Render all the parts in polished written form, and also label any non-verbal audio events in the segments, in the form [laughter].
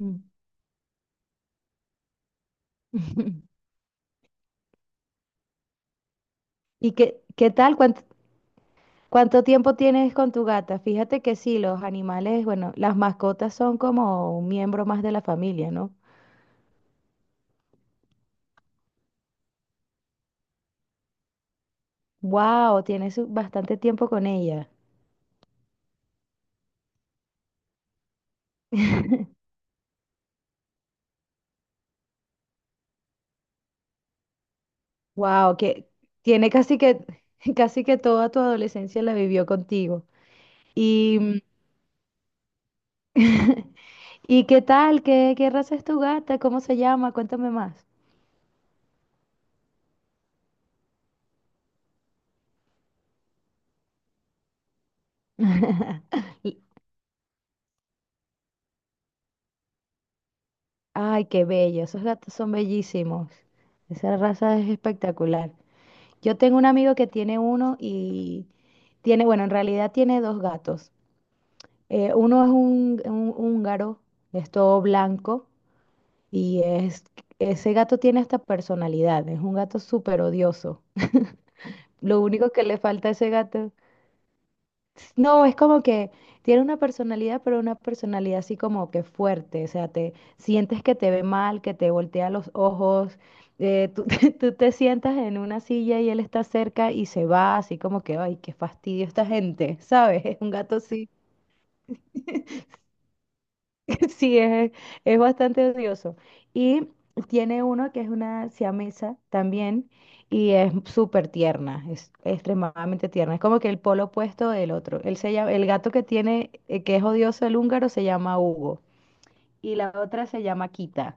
Mm. [laughs] ¿Y qué tal? ¿Cuánto tiempo tienes con tu gata? Fíjate que sí, los animales, bueno, las mascotas son como un miembro más de la familia, ¿no? Wow, tienes bastante tiempo con ella. [laughs] Wow, que tiene casi que [laughs] casi que toda tu adolescencia la vivió contigo. Y [laughs] ¿y qué tal? ¿Qué raza es tu gata? ¿Cómo se llama? Cuéntame más. [laughs] Y- Ay, qué bello, esos gatos son bellísimos. Esa raza es espectacular. Yo tengo un amigo que tiene uno y tiene, bueno, en realidad tiene dos gatos. Uno es un húngaro, es todo blanco y ese gato tiene hasta personalidad, es un gato súper odioso. Lo único que le falta a ese gato. No, es como que tiene una personalidad, pero una personalidad así como que fuerte, o sea, te sientes que te ve mal, que te voltea los ojos, tú, [laughs] tú te sientas en una silla y él está cerca y se va así como que, ay, qué fastidio esta gente, ¿sabes? [laughs] Es un gato así. [laughs] Sí, es bastante odioso. Y tiene uno que es una siamesa también y es súper tierna, es extremadamente tierna. Es como que el polo opuesto del otro. Él se llama- el gato que tiene, que es odioso el húngaro, se llama Hugo y la otra se llama Kita.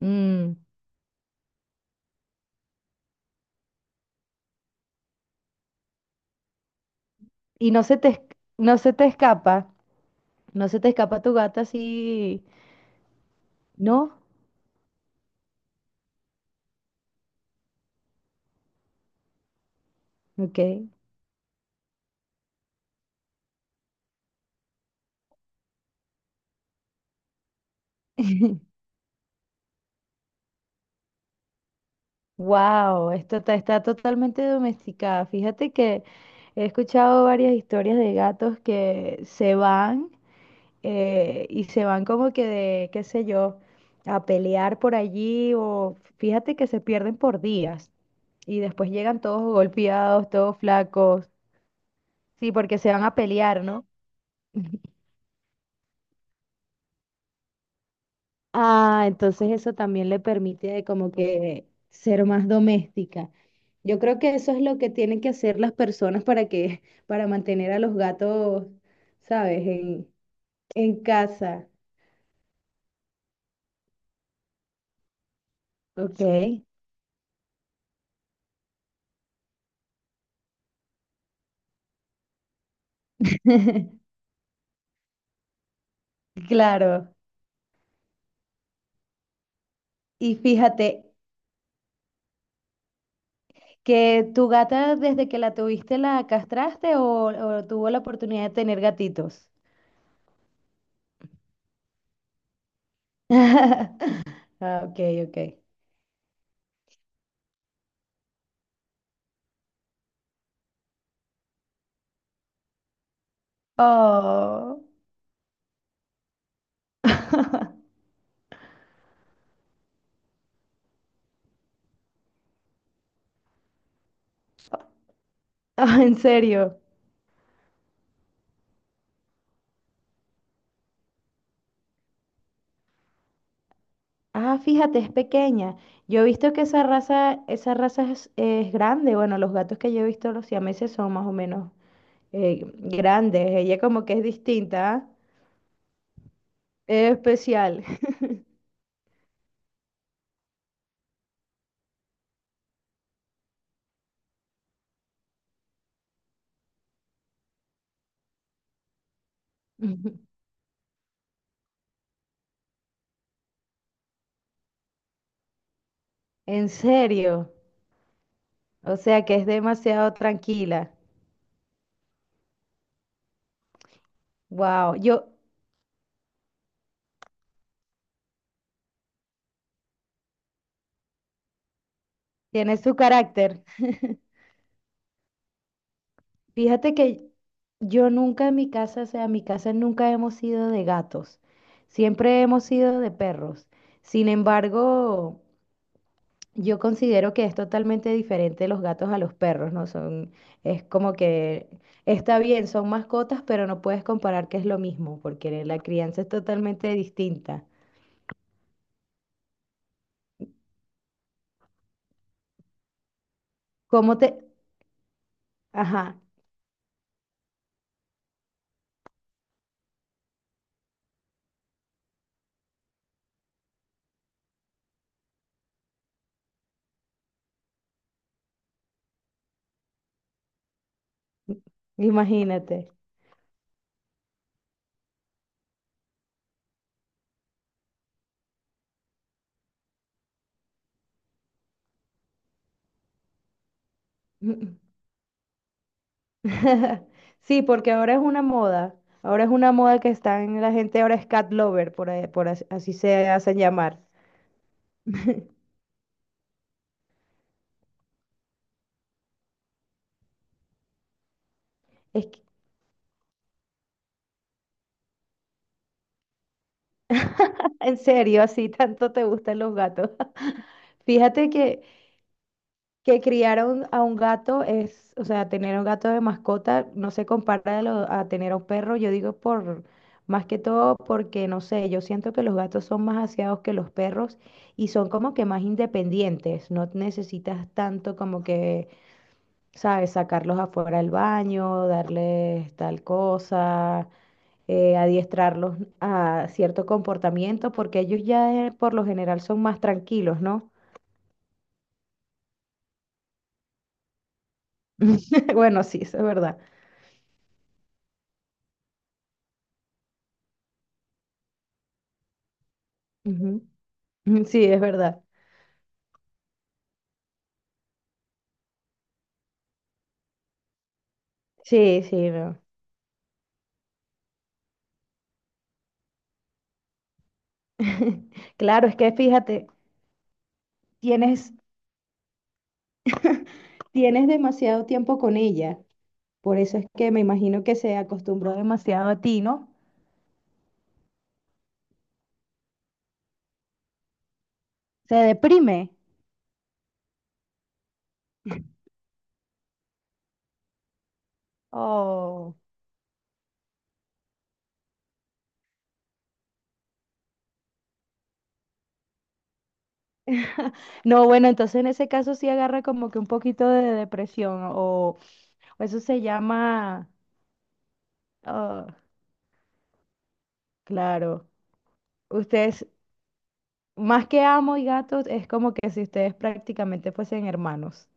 Mm. Y no se te, es- no se te escapa, no se te escapa tu gata así, ¿no? Ok. [laughs] Wow, está totalmente domesticada. Fíjate que he escuchado varias historias de gatos que se van y se van como que de, qué sé yo, a pelear por allí o fíjate que se pierden por días y después llegan todos golpeados, todos flacos. Sí, porque se van a pelear, ¿no? [laughs] Ah, entonces eso también le permite de como que ser más doméstica. Yo creo que eso es lo que tienen que hacer las personas para que, [laughs] para mantener a los gatos, ¿sabes? En casa. Ok. [laughs] Claro. Y fíjate, que tu gata desde que la tuviste la castraste o tuvo la oportunidad de tener gatitos. [laughs] Ah, ok, ok. Oh. [laughs] Ah, en serio. Ah, fíjate, es pequeña. Yo he visto que esa raza, es grande. Bueno, los gatos que yo he visto, los siameses, son más o menos grandes. Ella como que es distinta, ¿ah? Es especial. [laughs] En serio. O sea que es demasiado tranquila. Wow. Yo, tiene su carácter. Fíjate que yo nunca en mi casa, o sea, en mi casa nunca hemos sido de gatos. Siempre hemos sido de perros. Sin embargo. Yo considero que es totalmente diferente los gatos a los perros, ¿no? Son, es como que está bien, son mascotas, pero no puedes comparar que es lo mismo, porque la crianza es totalmente distinta. ¿Cómo te...? Ajá, imagínate. [laughs] Sí, porque ahora es una moda. Ahora es una moda que está en la gente, ahora es cat lover, por, ahí- por as- así se hacen llamar. [laughs] Es que, en serio, así tanto te gustan los gatos. [laughs] Fíjate que criar a un gato es, o sea, tener un gato de mascota no se compara de lo- a tener a un perro, yo digo por, más que todo porque, no sé, yo siento que los gatos son más aseados que los perros y son como que más independientes, no necesitas tanto como que, sabes, sacarlos afuera al baño, darles tal cosa. Eh, adiestrarlos a cierto comportamiento porque ellos ya por lo general son más tranquilos, ¿no? [laughs] Bueno, sí, eso es verdad. [laughs] Sí, es verdad. Sí, sí, no. [laughs] Claro, es que fíjate, tienes, tienes demasiado tiempo con ella. Por eso es que me imagino que se acostumbró demasiado a ti, ¿no? Se deprime. Oh. [laughs] No, bueno, entonces en ese caso sí agarra como que un poquito de depresión o eso se llama, ah, claro, ustedes, más que amo y gatos, es como que si ustedes prácticamente fuesen hermanos.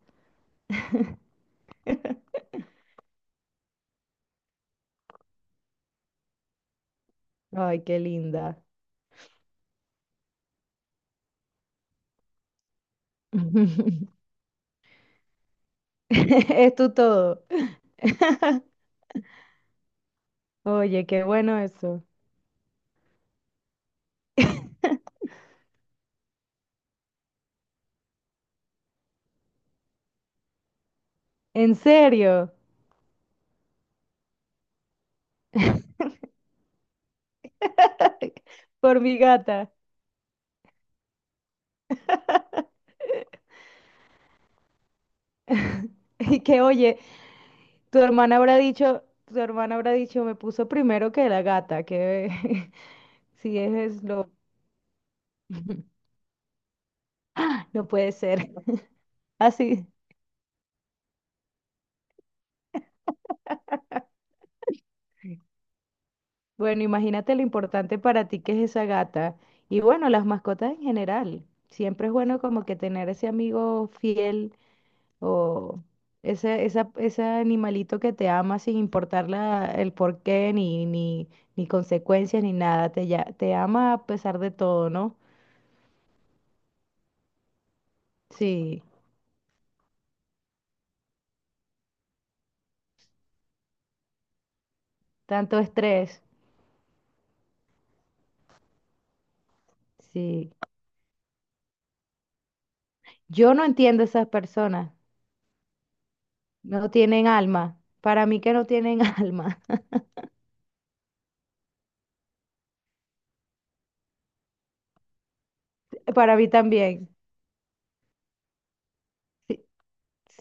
Ay, qué linda. [laughs] [laughs] Es tu todo. [laughs] Oye, qué bueno eso. En serio, [laughs] por mi gata. [laughs] Y que, oye, tu hermana habrá dicho, tu hermana habrá dicho, me puso primero que la gata, que [laughs] si es, [laughs] no puede ser. [laughs] Así. Bueno, imagínate lo importante para ti que es esa gata. Y bueno, las mascotas en general. Siempre es bueno como que tener ese amigo fiel. O ese, esa, ese animalito que te ama sin importar el porqué, ni, ni, ni consecuencias, ni nada. Te, ya- te ama a pesar de todo, ¿no? Sí, tanto estrés. Sí. Yo no entiendo esas personas. No tienen alma. Para mí que no tienen [laughs] alma. Para mí también.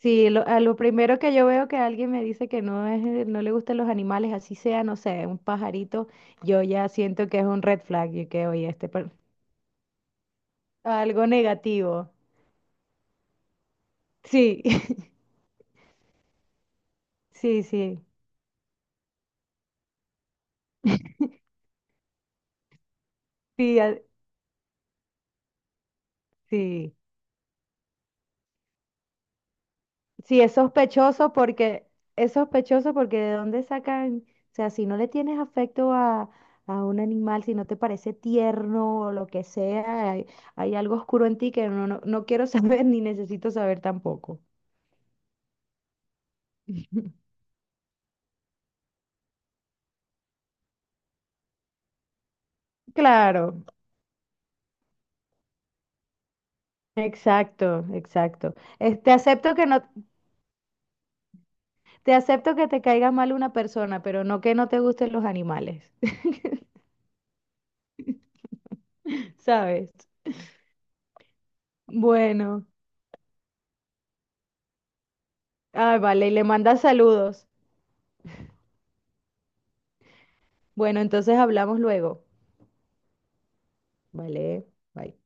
Sí, lo, a lo primero que yo veo que alguien me dice que no es, no le gustan los animales, así sea, no sé, un pajarito, yo ya siento que es un red flag y que, oye, este, per- Algo negativo. Sí, [laughs] sí, sí. Sí, a- sí. Sí, es sospechoso porque de dónde sacan, o sea, si no le tienes afecto a un animal, si no te parece tierno o lo que sea, hay algo oscuro en ti que no, no, no quiero saber [laughs] ni necesito saber tampoco. [laughs] Claro, exacto, exacto. Es- te acepto que no, te acepto que te caiga mal una persona, pero no que no te gusten los animales, [laughs] ¿sabes? Bueno, ah, vale, y le manda saludos. Bueno, entonces hablamos luego. Vale, bye.